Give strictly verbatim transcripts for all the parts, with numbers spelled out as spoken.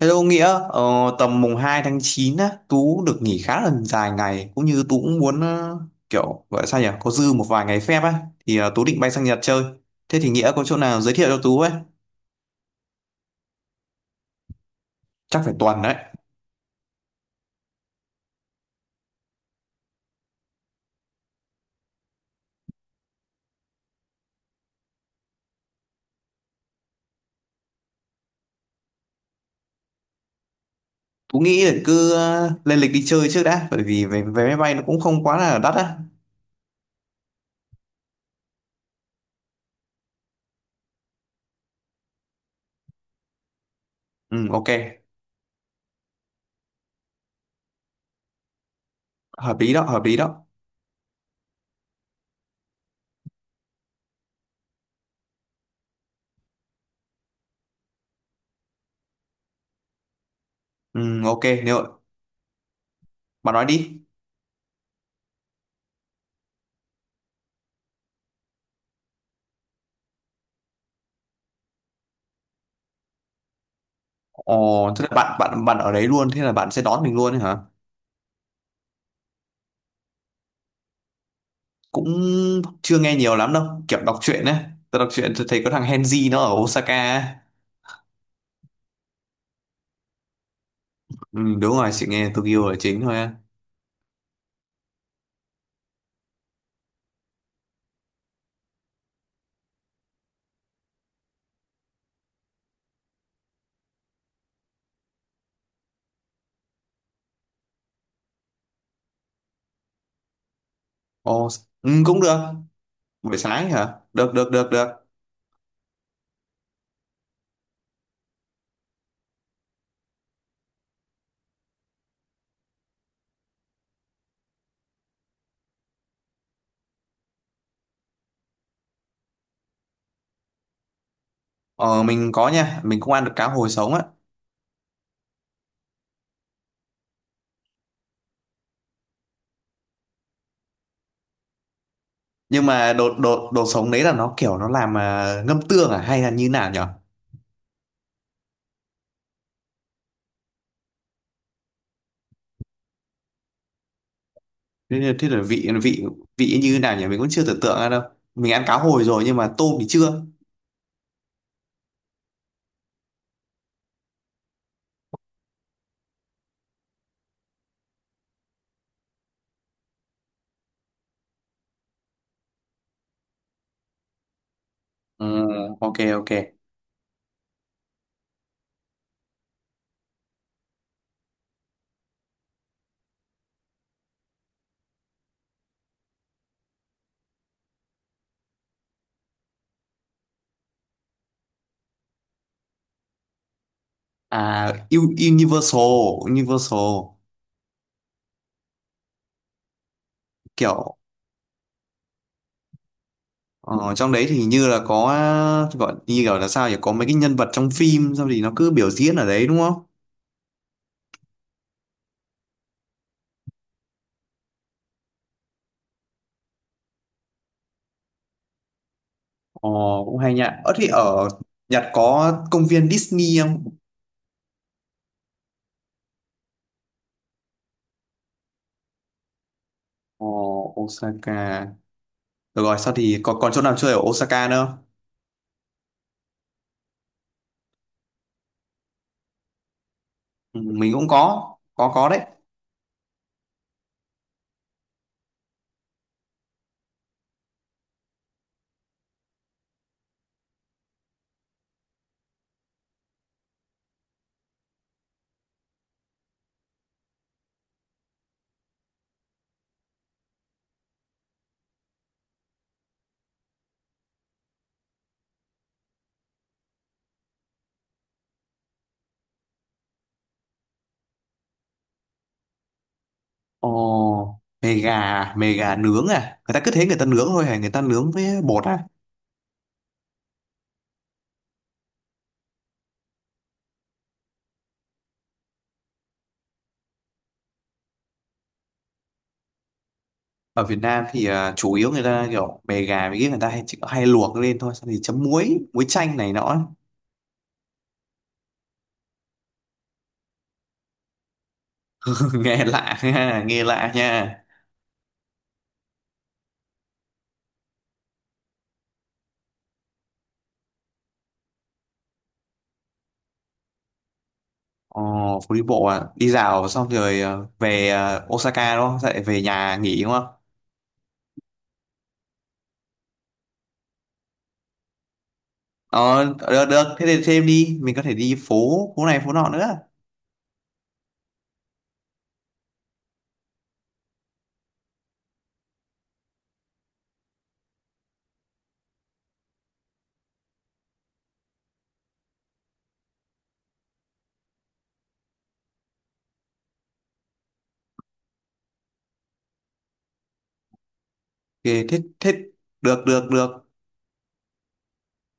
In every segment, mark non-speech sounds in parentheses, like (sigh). Hello Nghĩa, ờ, tầm mùng hai tháng chín á, Tú được nghỉ khá là dài ngày cũng như Tú cũng muốn ờ, kiểu gọi là sao nhỉ, có dư một vài ngày phép á thì ờ, Tú định bay sang Nhật chơi. Thế thì Nghĩa có chỗ nào giới thiệu cho Tú ấy? Chắc phải tuần đấy. Tú nghĩ là cứ ờ, lên lịch đi chơi trước đã, bởi vì vé vé máy bay nó cũng không quá là đắt á. Ừ ok, hợp lý đó, hợp lý đó. Ừ ok, nếu bạn nói đi. Ồ, thế là bạn bạn bạn ở đấy luôn, thế là bạn sẽ đón mình luôn ấy hả? Cũng chưa nghe nhiều lắm đâu, kiểu đọc truyện ấy, tôi đọc truyện tôi thấy có thằng Henzi nó ở Osaka á. Ừ, đúng rồi, chị nghe Tokyo là chính thôi á. Ồ, ừ, cũng được. Buổi sáng hả? Được được được được. Ờ, mình có nha, mình cũng ăn được cá hồi sống á. Nhưng mà đồ đồ đồ sống đấy là nó kiểu nó làm à, ngâm tương à hay là như nào nhở? Thế, thế là vị vị vị như nào nhỉ, mình cũng chưa tưởng tượng ra đâu. Mình ăn cá hồi rồi nhưng mà tôm thì chưa. Ừ, ok ok. À, U- Universal. Universal kiểu. Ờ, trong đấy thì như là có, gọi như kiểu là sao nhỉ, có mấy cái nhân vật trong phim xong thì nó cứ biểu diễn ở đấy đúng không? Ờ, cũng hay nhá. Ở thì ở Nhật có công viên Disney không? Ờ, Osaka. Được rồi sao thì còn còn chỗ nào chơi ở Osaka nữa không? Ừ, mình cũng có, có có đấy. Ồ, mề gà mề gà nướng à? Người ta cứ thế người ta nướng thôi hả? Người ta nướng với bột à? Ở Việt Nam thì à, chủ yếu người ta kiểu mề gà với cái người ta hay chỉ có hay luộc lên thôi, xong thì chấm muối muối chanh này nọ ấy. (laughs) Nghe lạ nha, nghe lạ nha. Ồ, phố đi bộ à, đi dạo xong rồi ờ, về ờ, Osaka đúng không? Sao lại về nhà nghỉ đúng không? Ờ được được, thế thì thêm đi mình có thể đi phố, phố này phố nọ nữa. Thì thế thế được được được.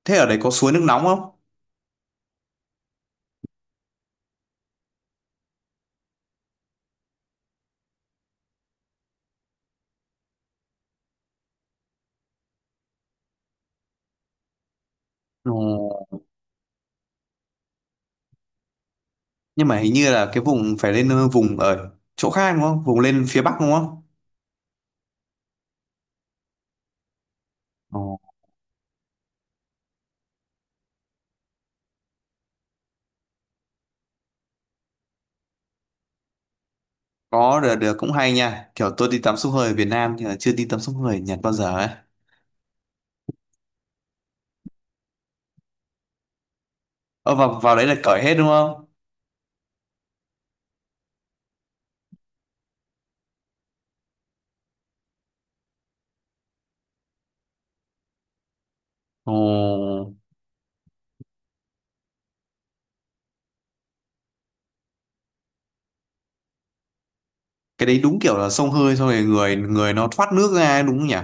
Thế ở đấy có suối nước nóng không? Ồ, nhưng mà hình như là cái vùng phải lên ờ, vùng ở chỗ khác đúng không, vùng lên phía bắc đúng không? Ồ, có, được được, cũng hay nha, kiểu tôi đi tắm sông hơi ở Việt Nam nhưng mà chưa đi tắm sông hơi ở Nhật bao giờ ấy. Ờ, vào vào đấy là cởi hết đúng không? Ồ, cái đấy đúng kiểu là xông hơi xong rồi người người nó thoát nước ra ấy, đúng không nhỉ?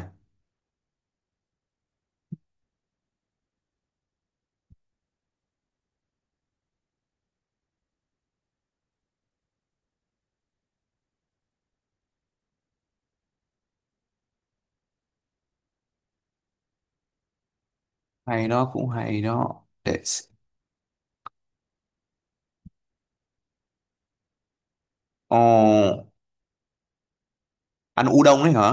Hay đó, cũng hay đó để x-. Ồ, ăn udon đấy hả?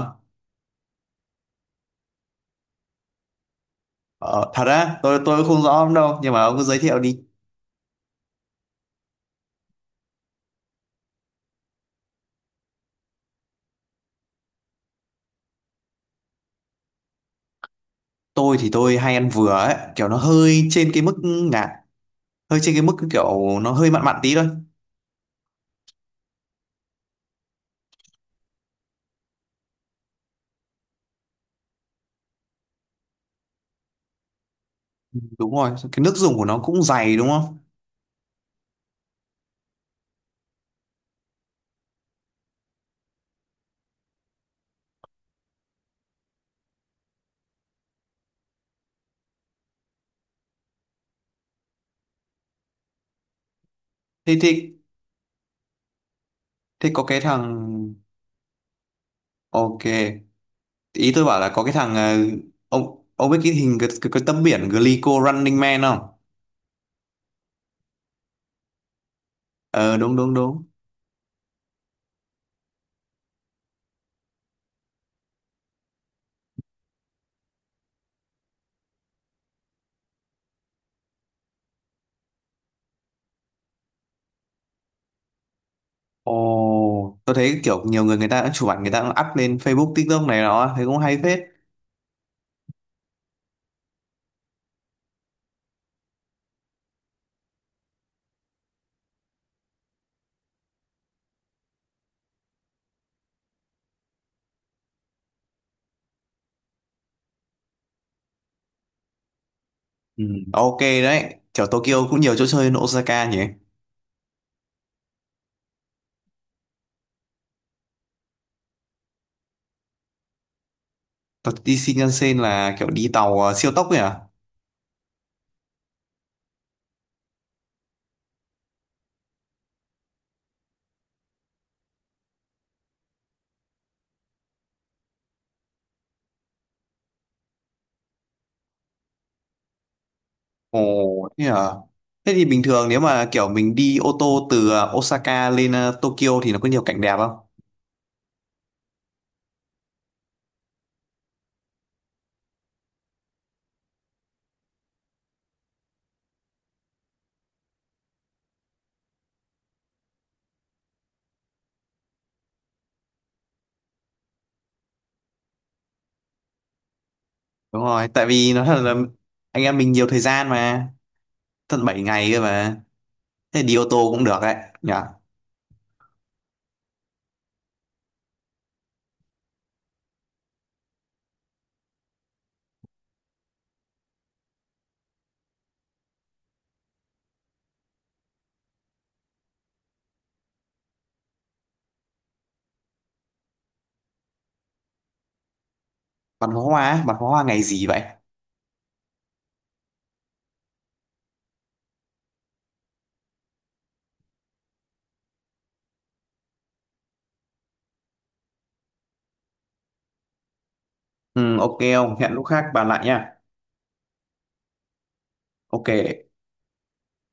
Ờ, thật á, tôi tôi không rõ lắm đâu nhưng mà ông cứ giới thiệu đi. Tôi thì tôi hay ăn vừa ấy, kiểu nó hơi trên cái mức ngạt, hơi trên cái mức kiểu nó hơi mặn mặn tí thôi. Đúng rồi, cái nước dùng của nó cũng dày đúng không? Thế thế thế có cái thằng, ok, ý tôi bảo là có cái thằng ờ, ông ông biết cái hình cái, cái, cái tấm biển Glico Running Man không? Ờ đúng đúng đúng. Ồ, tôi thấy kiểu nhiều người người ta đã chụp ảnh, người ta cũng up lên Facebook, TikTok này đó, thấy cũng hay phết. Ừ, ok đấy, kiểu Tokyo cũng nhiều chỗ chơi hơn Osaka nhỉ. Còn đi Shinkansen là kiểu đi tàu ờ, siêu tốc ấy à? Ồ, thế à? Thế thì bình thường nếu mà kiểu mình đi ô tô từ ờ, Osaka lên ờ, Tokyo thì nó có nhiều cảnh đẹp không? Đúng rồi, tại vì nó thật là anh em mình nhiều thời gian mà, tận bảy ngày cơ mà. Thế đi ô tô cũng được đấy, nhỉ? Bắn pháo hoa, á, bắn pháo hoa ngày gì vậy? Ừ, ok không? Hẹn lúc khác bàn lại nha. Ok,